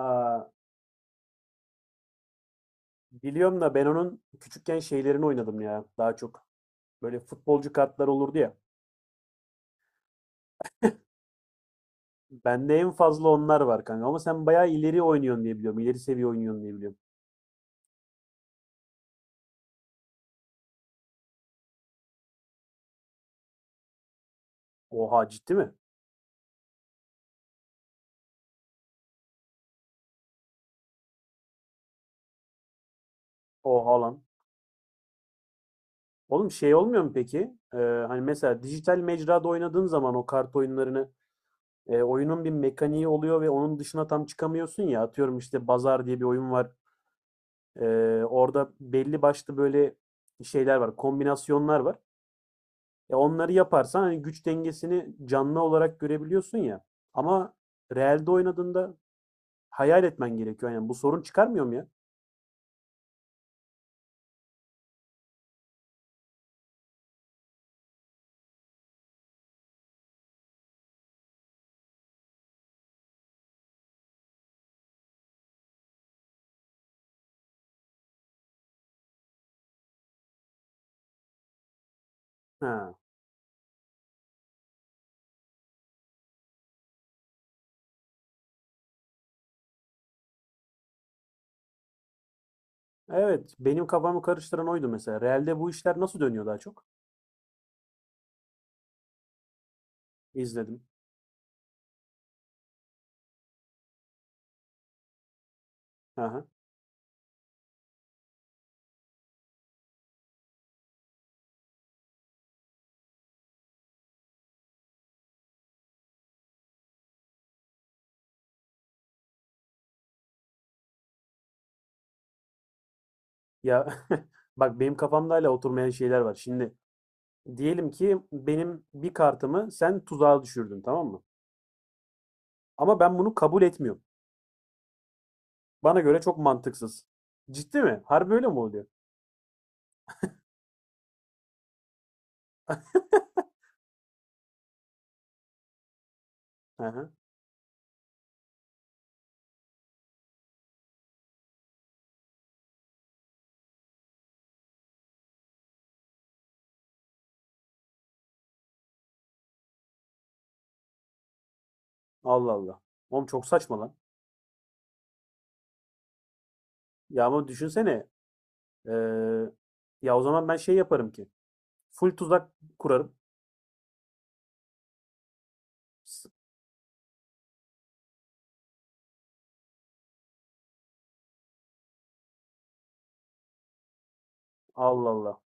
Aa, biliyorum da ben onun küçükken şeylerini oynadım ya daha çok. Böyle futbolcu kartlar olurdu ya. Bende en fazla onlar var kanka ama sen bayağı ileri oynuyorsun diye biliyorum. İleri seviye oynuyorsun diye biliyorum. Oha ciddi mi? Oha lan. Oğlum şey olmuyor mu peki? Ee, hani mesela dijital mecrada oynadığın zaman o kart oyunlarını oyunun bir mekaniği oluyor ve onun dışına tam çıkamıyorsun ya. Atıyorum işte Bazar diye bir oyun var. Ee, orada belli başlı böyle şeyler var, kombinasyonlar var. Ya onları yaparsan hani güç dengesini canlı olarak görebiliyorsun ya. Ama realde oynadığında hayal etmen gerekiyor. Yani bu sorun çıkarmıyor mu ya? Ha. Evet, benim kafamı karıştıran oydu mesela. Realde bu işler nasıl dönüyor daha çok? İzledim. Aha. Ya bak benim kafamda hala oturmayan şeyler var. Şimdi diyelim ki benim bir kartımı sen tuzağa düşürdün, tamam mı? Ama ben bunu kabul etmiyorum. Bana göre çok mantıksız. Ciddi mi? Harbi öyle mi oluyor? Aha. Allah Allah. Oğlum çok saçma lan. Ya ama düşünsene. eee, ya o zaman ben şey yaparım ki. Full tuzak kurarım. S- Allah Allah.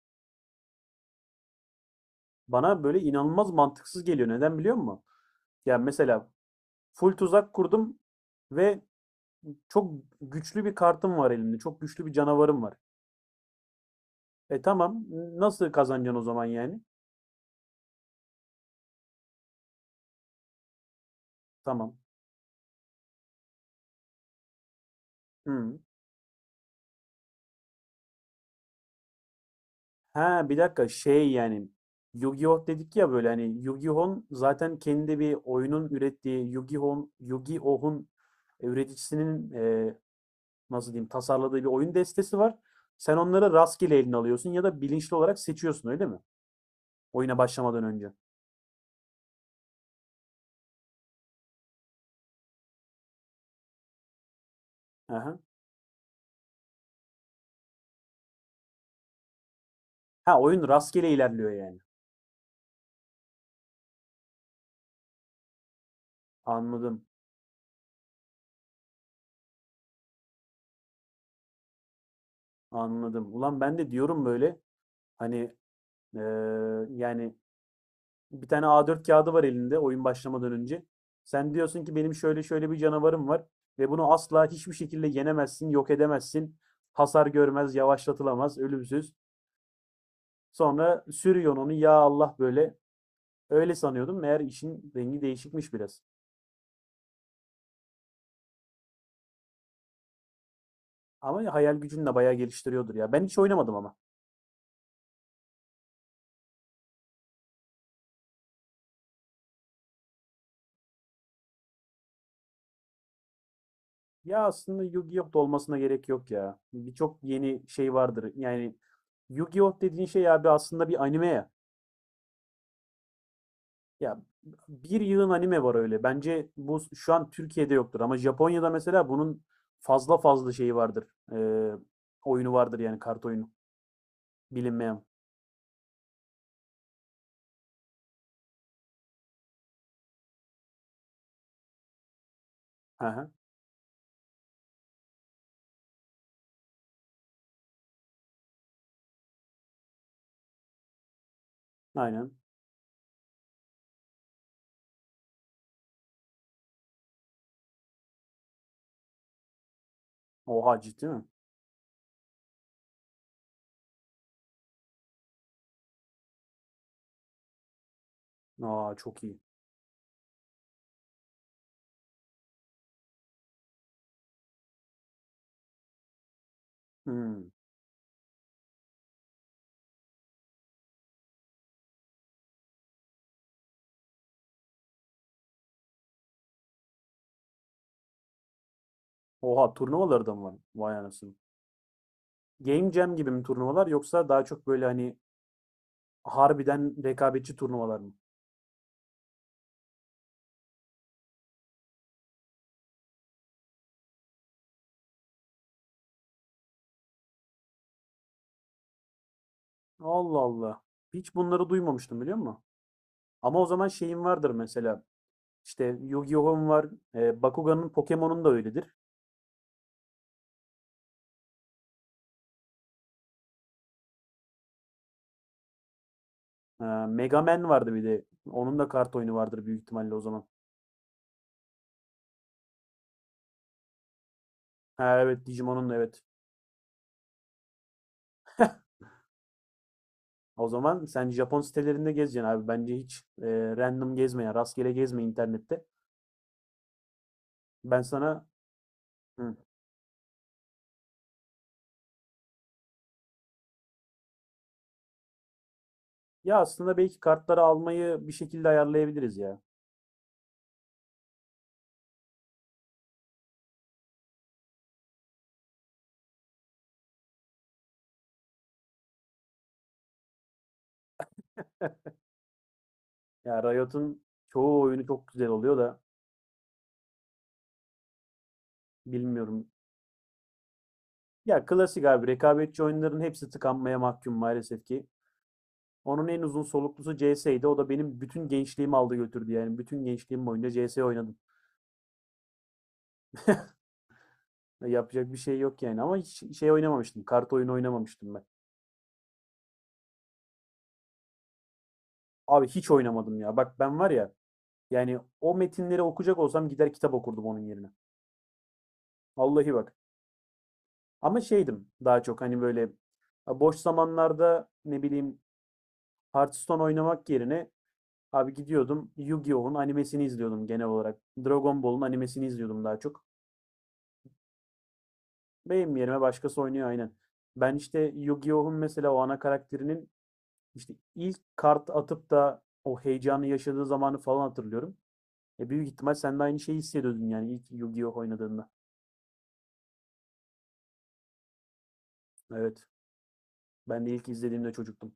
Bana böyle inanılmaz mantıksız geliyor. Neden biliyor musun? Ya mesela full tuzak kurdum ve çok güçlü bir kartım var elimde. Çok güçlü bir canavarım var. E tamam. Nasıl kazanacaksın o zaman yani? Tamam. Hı. Ha, bir dakika şey yani Yu-Gi-Oh dedik ya, böyle hani Yu-Gi-Oh'un zaten kendi bir oyunun ürettiği Yu-Gi-Oh'un üreticisinin nasıl diyeyim tasarladığı bir oyun destesi var. Sen onları rastgele eline alıyorsun ya da bilinçli olarak seçiyorsun öyle mi? Oyuna başlamadan önce. Aha. Ha, oyun rastgele ilerliyor yani. Anladım. Anladım. Ulan ben de diyorum böyle hani eee, yani bir tane A4 kağıdı var elinde oyun başlamadan önce. Sen diyorsun ki benim şöyle şöyle bir canavarım var ve bunu asla hiçbir şekilde yenemezsin, yok edemezsin. Hasar görmez, yavaşlatılamaz, ölümsüz. Sonra sürüyorsun onu ya Allah böyle öyle sanıyordum. Meğer işin rengi değişikmiş biraz. Ama hayal gücünü de bayağı geliştiriyordur ya. Ben hiç oynamadım ama. Ya aslında Yu-Gi-Oh! Da olmasına gerek yok ya. Birçok yeni şey vardır. Yani Yu-Gi-Oh! Dediğin şey abi aslında bir anime ya. Ya bir yığın anime var öyle. Bence bu şu an Türkiye'de yoktur ama Japonya'da mesela bunun fazla fazla şeyi vardır. Ee, oyunu vardır yani kart oyunu. Bilinmeyen. Hı hı. Aynen. Oha ciddi mi? Aa, çok iyi. Hmm. Oha, turnuvaları da mı var? Vay anasını. Game Jam gibi mi turnuvalar, yoksa daha çok böyle hani harbiden rekabetçi turnuvalar mı? Allah Allah. Hiç bunları duymamıştım, biliyor musun? Ama o zaman şeyim vardır mesela. İşte Yu-Gi-Oh'um var. Bakugan'ın Pokemon'un da öyledir. E, Mega Man vardı bir de. Onun da kart oyunu vardır büyük ihtimalle o zaman. Ha evet, Digimon'un da evet. O zaman sen Japon sitelerinde gezeceksin abi. Bence hiç random gezme ya. Rastgele gezme internette. Ben sana. Hı. Ya aslında belki kartları almayı bir şekilde ayarlayabiliriz ya. Ya Riot'un çoğu oyunu çok güzel oluyor da bilmiyorum. Ya klasik abi, rekabetçi oyunların hepsi tıkanmaya mahkum maalesef ki. Onun en uzun soluklusu CS'ydi. O da benim bütün gençliğimi aldı götürdü yani. Bütün gençliğim boyunca CS oynadım. Ya yapacak bir şey yok yani, ama hiç şey oynamamıştım. Kart oyunu oynamamıştım ben. Abi hiç oynamadım ya. Bak ben var ya, yani o metinleri okuyacak olsam gider kitap okurdum onun yerine. Vallahi bak. Ama şeydim daha çok hani böyle boş zamanlarda ne bileyim, Hearthstone oynamak yerine abi gidiyordum Yu-Gi-Oh'un animesini izliyordum genel olarak. Dragon Ball'un animesini izliyordum daha çok. Benim yerime başkası oynuyor, aynen. Ben işte Yu-Gi-Oh'un mesela o ana karakterinin işte ilk kart atıp da o heyecanı yaşadığı zamanı falan hatırlıyorum. E büyük ihtimal sen de aynı şeyi hissediyordun yani ilk Yu-Gi-Oh oynadığında. Evet. Ben de ilk izlediğimde çocuktum.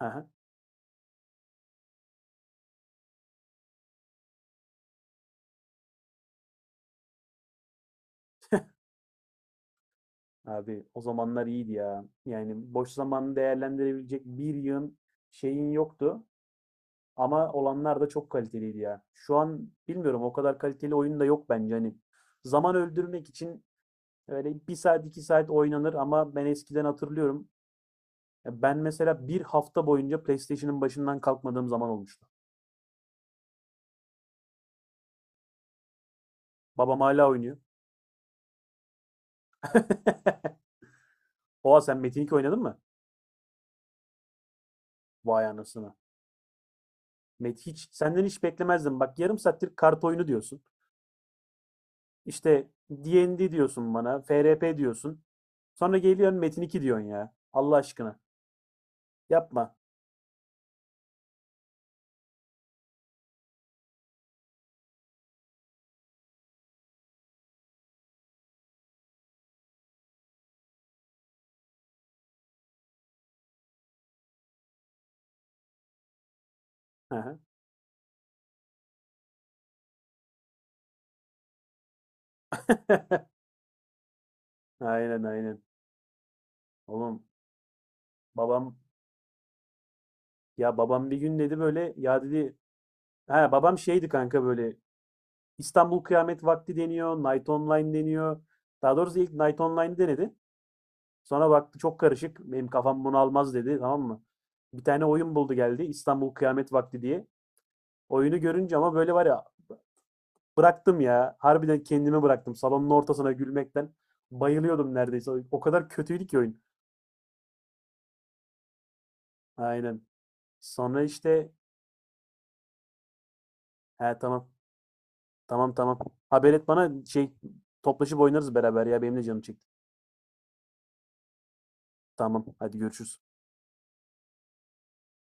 Aha. Abi o zamanlar iyiydi ya. Yani boş zamanı değerlendirebilecek bir yığın şeyin yoktu. Ama olanlar da çok kaliteliydi ya. Şu an bilmiyorum, o kadar kaliteli oyun da yok bence hani. Zaman öldürmek için öyle bir saat iki saat oynanır, ama ben eskiden hatırlıyorum. Ya ben mesela bir hafta boyunca PlayStation'ın başından kalkmadığım zaman olmuştu. Babam hala oynuyor. Oha, sen Metin 2 oynadın mı? Vay anasını. Hiç senden hiç beklemezdim. Bak, yarım saattir kart oyunu diyorsun. İşte D&D diyorsun bana. FRP diyorsun. Sonra geliyorsun Metin 2 diyorsun ya. Allah aşkına. Yapma. Hı hı. Aynen, aynen. Oğlum babam, ya babam bir gün dedi böyle ya, dedi ha, babam şeydi kanka böyle, İstanbul Kıyamet Vakti deniyor, Night Online deniyor. Daha doğrusu ilk Night Online denedi. Sonra baktı çok karışık. Benim kafam bunu almaz dedi, tamam mı? Bir tane oyun buldu geldi, İstanbul Kıyamet Vakti diye. Oyunu görünce ama böyle var ya, bıraktım ya. Harbiden kendimi bıraktım salonun ortasına gülmekten. Bayılıyordum neredeyse. O kadar kötüydü ki oyun. Aynen. Sonra işte he tamam. Tamam tamam. Haber et bana şey, toplaşıp oynarız beraber ya. Benim de canım çekti. Tamam hadi, görüşürüz.